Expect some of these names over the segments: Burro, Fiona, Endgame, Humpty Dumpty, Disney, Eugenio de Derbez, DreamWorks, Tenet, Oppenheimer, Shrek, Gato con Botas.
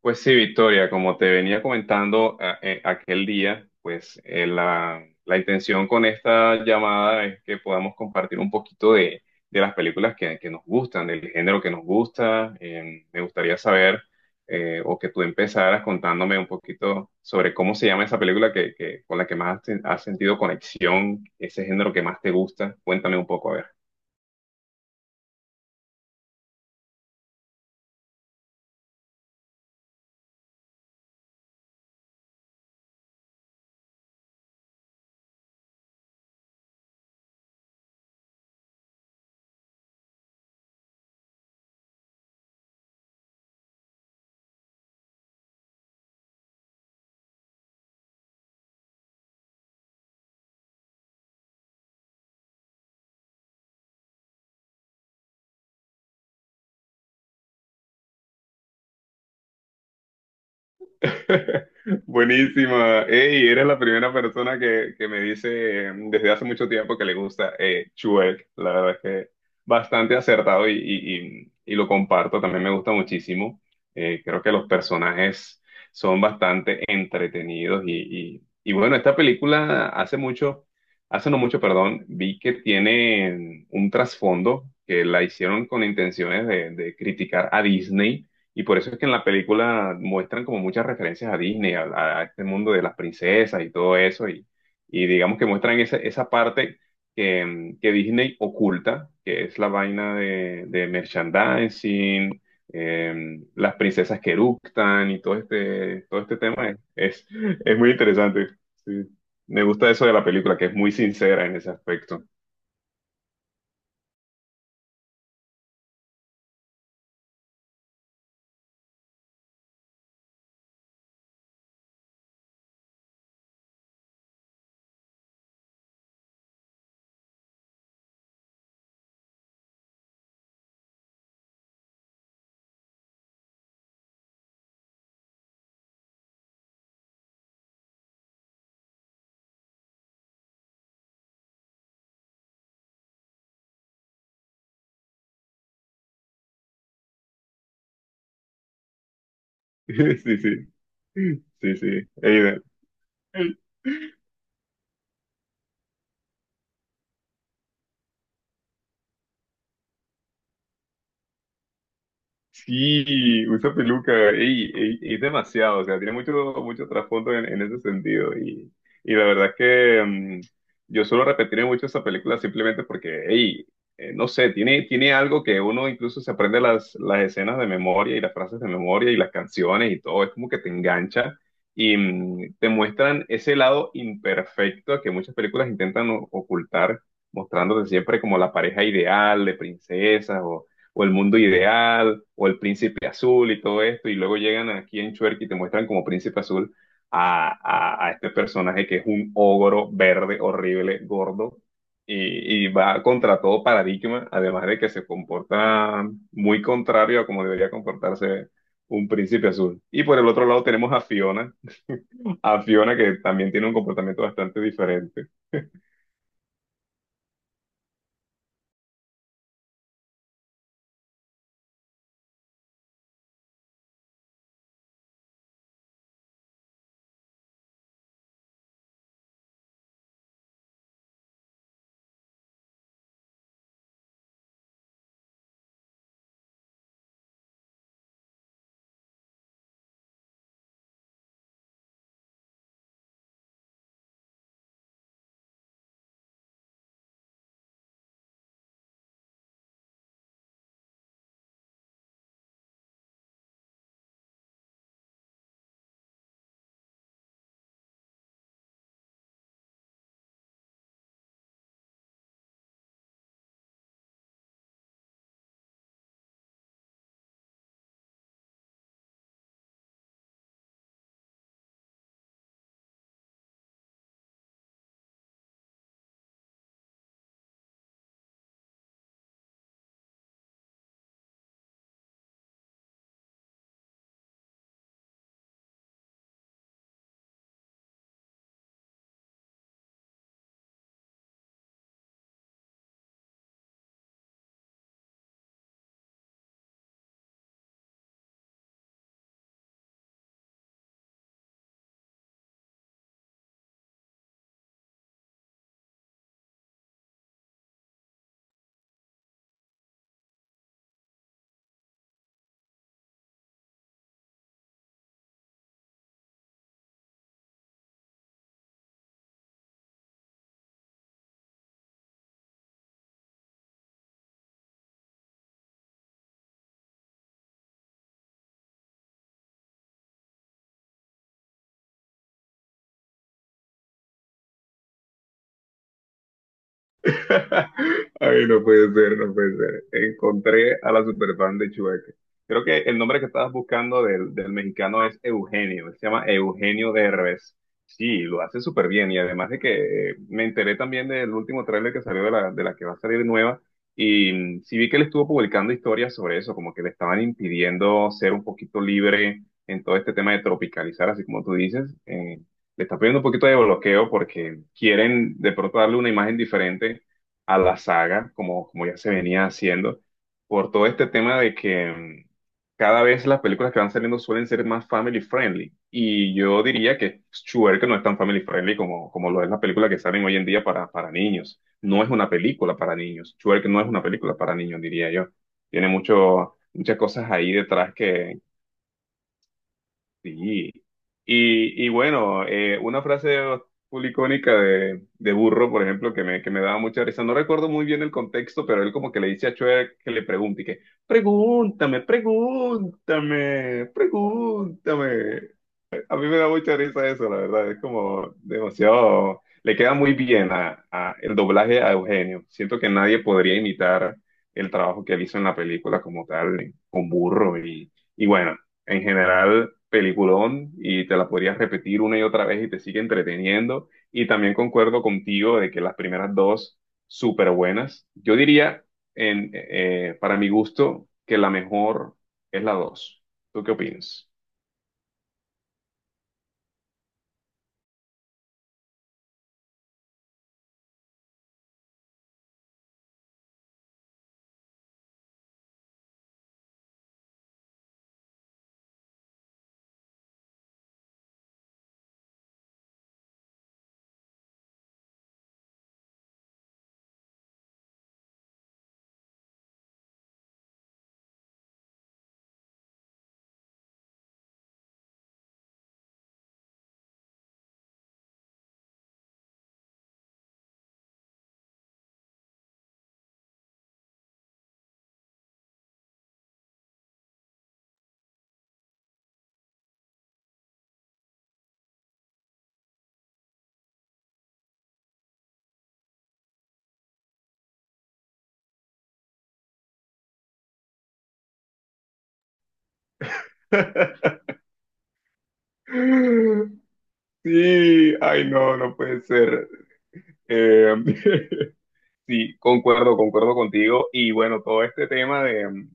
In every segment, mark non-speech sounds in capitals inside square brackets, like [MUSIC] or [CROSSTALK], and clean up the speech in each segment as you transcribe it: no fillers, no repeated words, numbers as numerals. Pues sí, Victoria, como te venía comentando aquel día, la intención con esta llamada es que podamos compartir un poquito de las películas que nos gustan, del género que nos gusta. Me gustaría saber o que tú empezaras contándome un poquito sobre cómo se llama esa película con la que más has sentido conexión, ese género que más te gusta. Cuéntame un poco, a ver. [LAUGHS] Buenísima. Ey, eres la primera persona que me dice desde hace mucho tiempo que le gusta Shrek. La verdad es que bastante acertado y lo comparto. También me gusta muchísimo. Creo que los personajes son bastante entretenidos y bueno, esta película hace no mucho, perdón, vi que tiene un trasfondo que la hicieron con intenciones de criticar a Disney, y por eso es que en la película muestran como muchas referencias a Disney, a este mundo de las princesas y todo eso, y digamos que muestran esa, esa parte que, que Disney oculta, que es la vaina de merchandising, las princesas que eructan y todo este tema es muy interesante. Sí. Me gusta eso de la película, que es muy sincera en ese aspecto. [LAUGHS] Sí, sí, sí, sí. Eider. Sí, usa peluca, ey, ey, es demasiado, o sea, tiene mucho, mucho trasfondo en ese sentido. Y la verdad es que yo suelo repetir mucho esa película simplemente porque, ey, no sé, tiene, tiene algo que uno incluso se aprende las escenas de memoria y las frases de memoria y las canciones y todo, es como que te engancha y te muestran ese lado imperfecto que muchas películas intentan ocultar, mostrándote siempre como la pareja ideal de princesas o El Mundo Ideal, o El Príncipe Azul y todo esto, y luego llegan aquí en Chuerk y te muestran como Príncipe Azul a, a este personaje que es un ogro verde, horrible, gordo, y va contra todo paradigma, además de que se comporta muy contrario a como debería comportarse un Príncipe Azul. Y por el otro lado tenemos a Fiona que también tiene un comportamiento bastante diferente. [LAUGHS] Ay, no puede ser, no puede ser. Encontré a la superfan de Chueca. Creo que el nombre que estabas buscando del, del mexicano es Eugenio. Se llama Eugenio de Derbez. Sí, lo hace súper bien. Y además de que me enteré también del último tráiler que salió de la que va a salir nueva. Y sí vi que él estuvo publicando historias sobre eso, como que le estaban impidiendo ser un poquito libre en todo este tema de tropicalizar, así como tú dices. Le está pidiendo un poquito de bloqueo porque quieren de pronto darle una imagen diferente a la saga, como, como ya se venía haciendo, por todo este tema de que cada vez las películas que van saliendo suelen ser más family friendly. Y yo diría que Schuer, no es tan family friendly como, como lo es la película que salen hoy en día para niños. No es una película para niños. Schuer, no es una película para niños, diría yo. Tiene mucho, muchas cosas ahí detrás. Sí. Y bueno, una frase full icónica de Burro, por ejemplo, que me daba mucha risa. No recuerdo muy bien el contexto, pero él como que le dice a Chuck que le pregunte, y que, pregúntame, pregúntame, pregúntame. A mí me da mucha risa eso, la verdad. Es como demasiado. Le queda muy bien a, el doblaje a Eugenio. Siento que nadie podría imitar el trabajo que él hizo en la película como tal, con Burro. Y bueno, en general, peliculón. Y te la podrías repetir una y otra vez y te sigue entreteniendo. Y también concuerdo contigo de que las primeras dos, súper buenas. Yo diría, para mi gusto, que la mejor es la dos. ¿Tú qué opinas? [LAUGHS] [LAUGHS] Sí, ay, no, no puede ser. Eh, [LAUGHS] sí, concuerdo, concuerdo contigo. Y bueno, todo este tema de,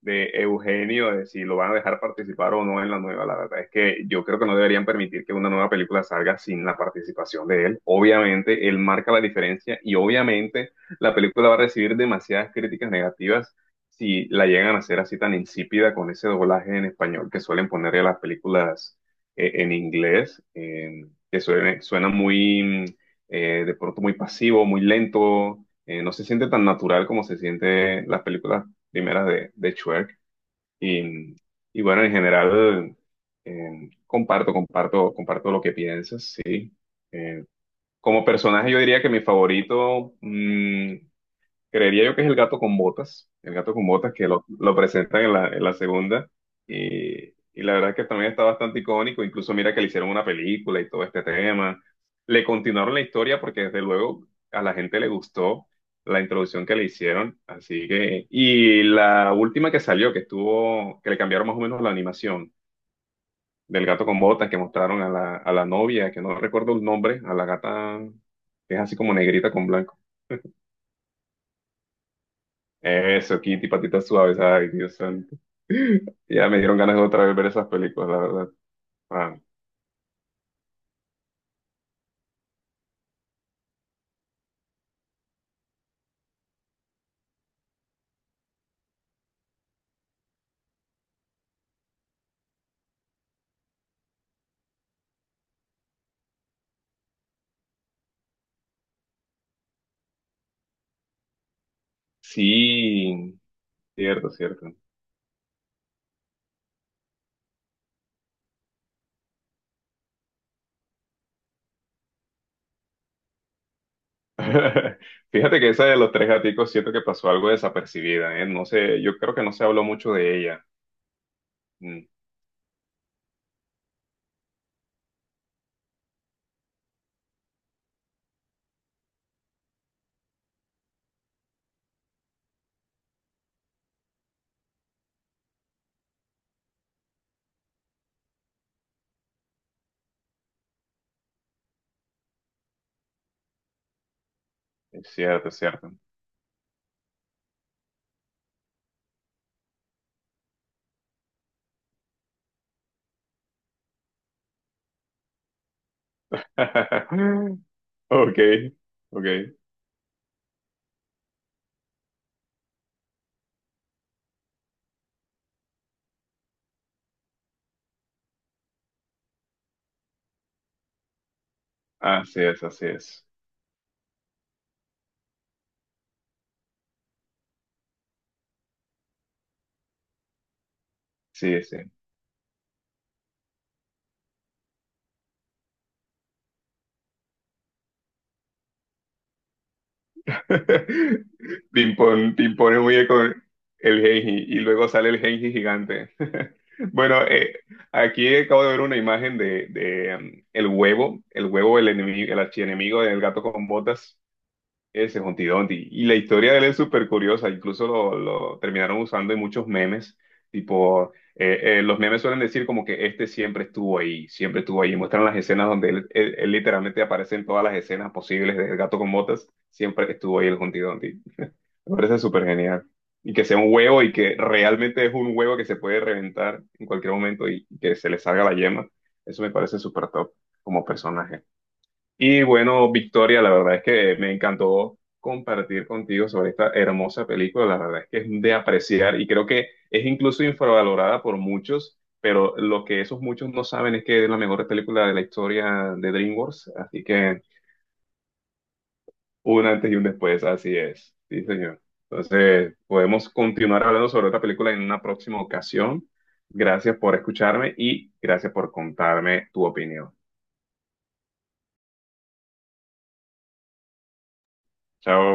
de Eugenio, de si lo van a dejar participar o no en la nueva. La verdad es que yo creo que no deberían permitir que una nueva película salga sin la participación de él. Obviamente, él marca la diferencia y obviamente la película va a recibir demasiadas críticas negativas si la llegan a hacer así tan insípida con ese doblaje en español que suelen ponerle a las películas en inglés, que suena, suena muy, de pronto muy pasivo, muy lento. No se siente tan natural como se siente las películas primeras de Schwerk. Y, y bueno, en general, comparto, comparto, comparto lo que piensas, sí. Eh, Como personaje, yo diría que mi favorito, creería yo que es el gato con botas, el gato con botas que lo presentan en la segunda. Y, y la verdad que también está bastante icónico. Incluso mira que le hicieron una película y todo este tema. Le continuaron la historia porque desde luego a la gente le gustó la introducción que le hicieron. Así que, y la última que salió, que estuvo, que le cambiaron más o menos la animación del gato con botas que mostraron a la novia, que no recuerdo el nombre, a la gata que es así como negrita con blanco. Eso, Kitty, patitas suaves, ay, Dios santo. [LAUGHS] Ya me dieron ganas de otra vez ver esas películas, la verdad. Ah, sí, cierto, cierto. [LAUGHS] Fíjate que esa de los tres gaticos siento que pasó algo desapercibida, ¿eh? No sé, yo creo que no se habló mucho de ella. Mm, es cierto, es cierto. [LAUGHS] Ok, ok. Así es, así es. Sí, sí. [LAUGHS] Te impone muy bien con el Genji y luego sale el Genji gigante. [LAUGHS] Bueno, aquí acabo de ver una imagen de, el huevo, el huevo, el enemigo, el archienemigo del gato con botas. Ese Humpty Dumpty. Y la historia de él es súper curiosa, incluso lo terminaron usando en muchos memes, tipo, los memes suelen decir como que este siempre estuvo ahí, muestran las escenas donde él, él literalmente aparece en todas las escenas posibles del gato con botas, siempre estuvo ahí el Humpty Dumpty. Me parece súper genial. Y que sea un huevo y que realmente es un huevo que se puede reventar en cualquier momento y que se le salga la yema, eso me parece súper top como personaje. Y bueno, Victoria, la verdad es que me encantó compartir contigo sobre esta hermosa película. La verdad es que es de apreciar y creo que es incluso infravalorada por muchos, pero lo que esos muchos no saben es que es la mejor película de la historia de DreamWorks. Así que un antes y un después, así es. Sí, señor. Entonces, podemos continuar hablando sobre esta película en una próxima ocasión. Gracias por escucharme y gracias por contarme tu opinión. Chao.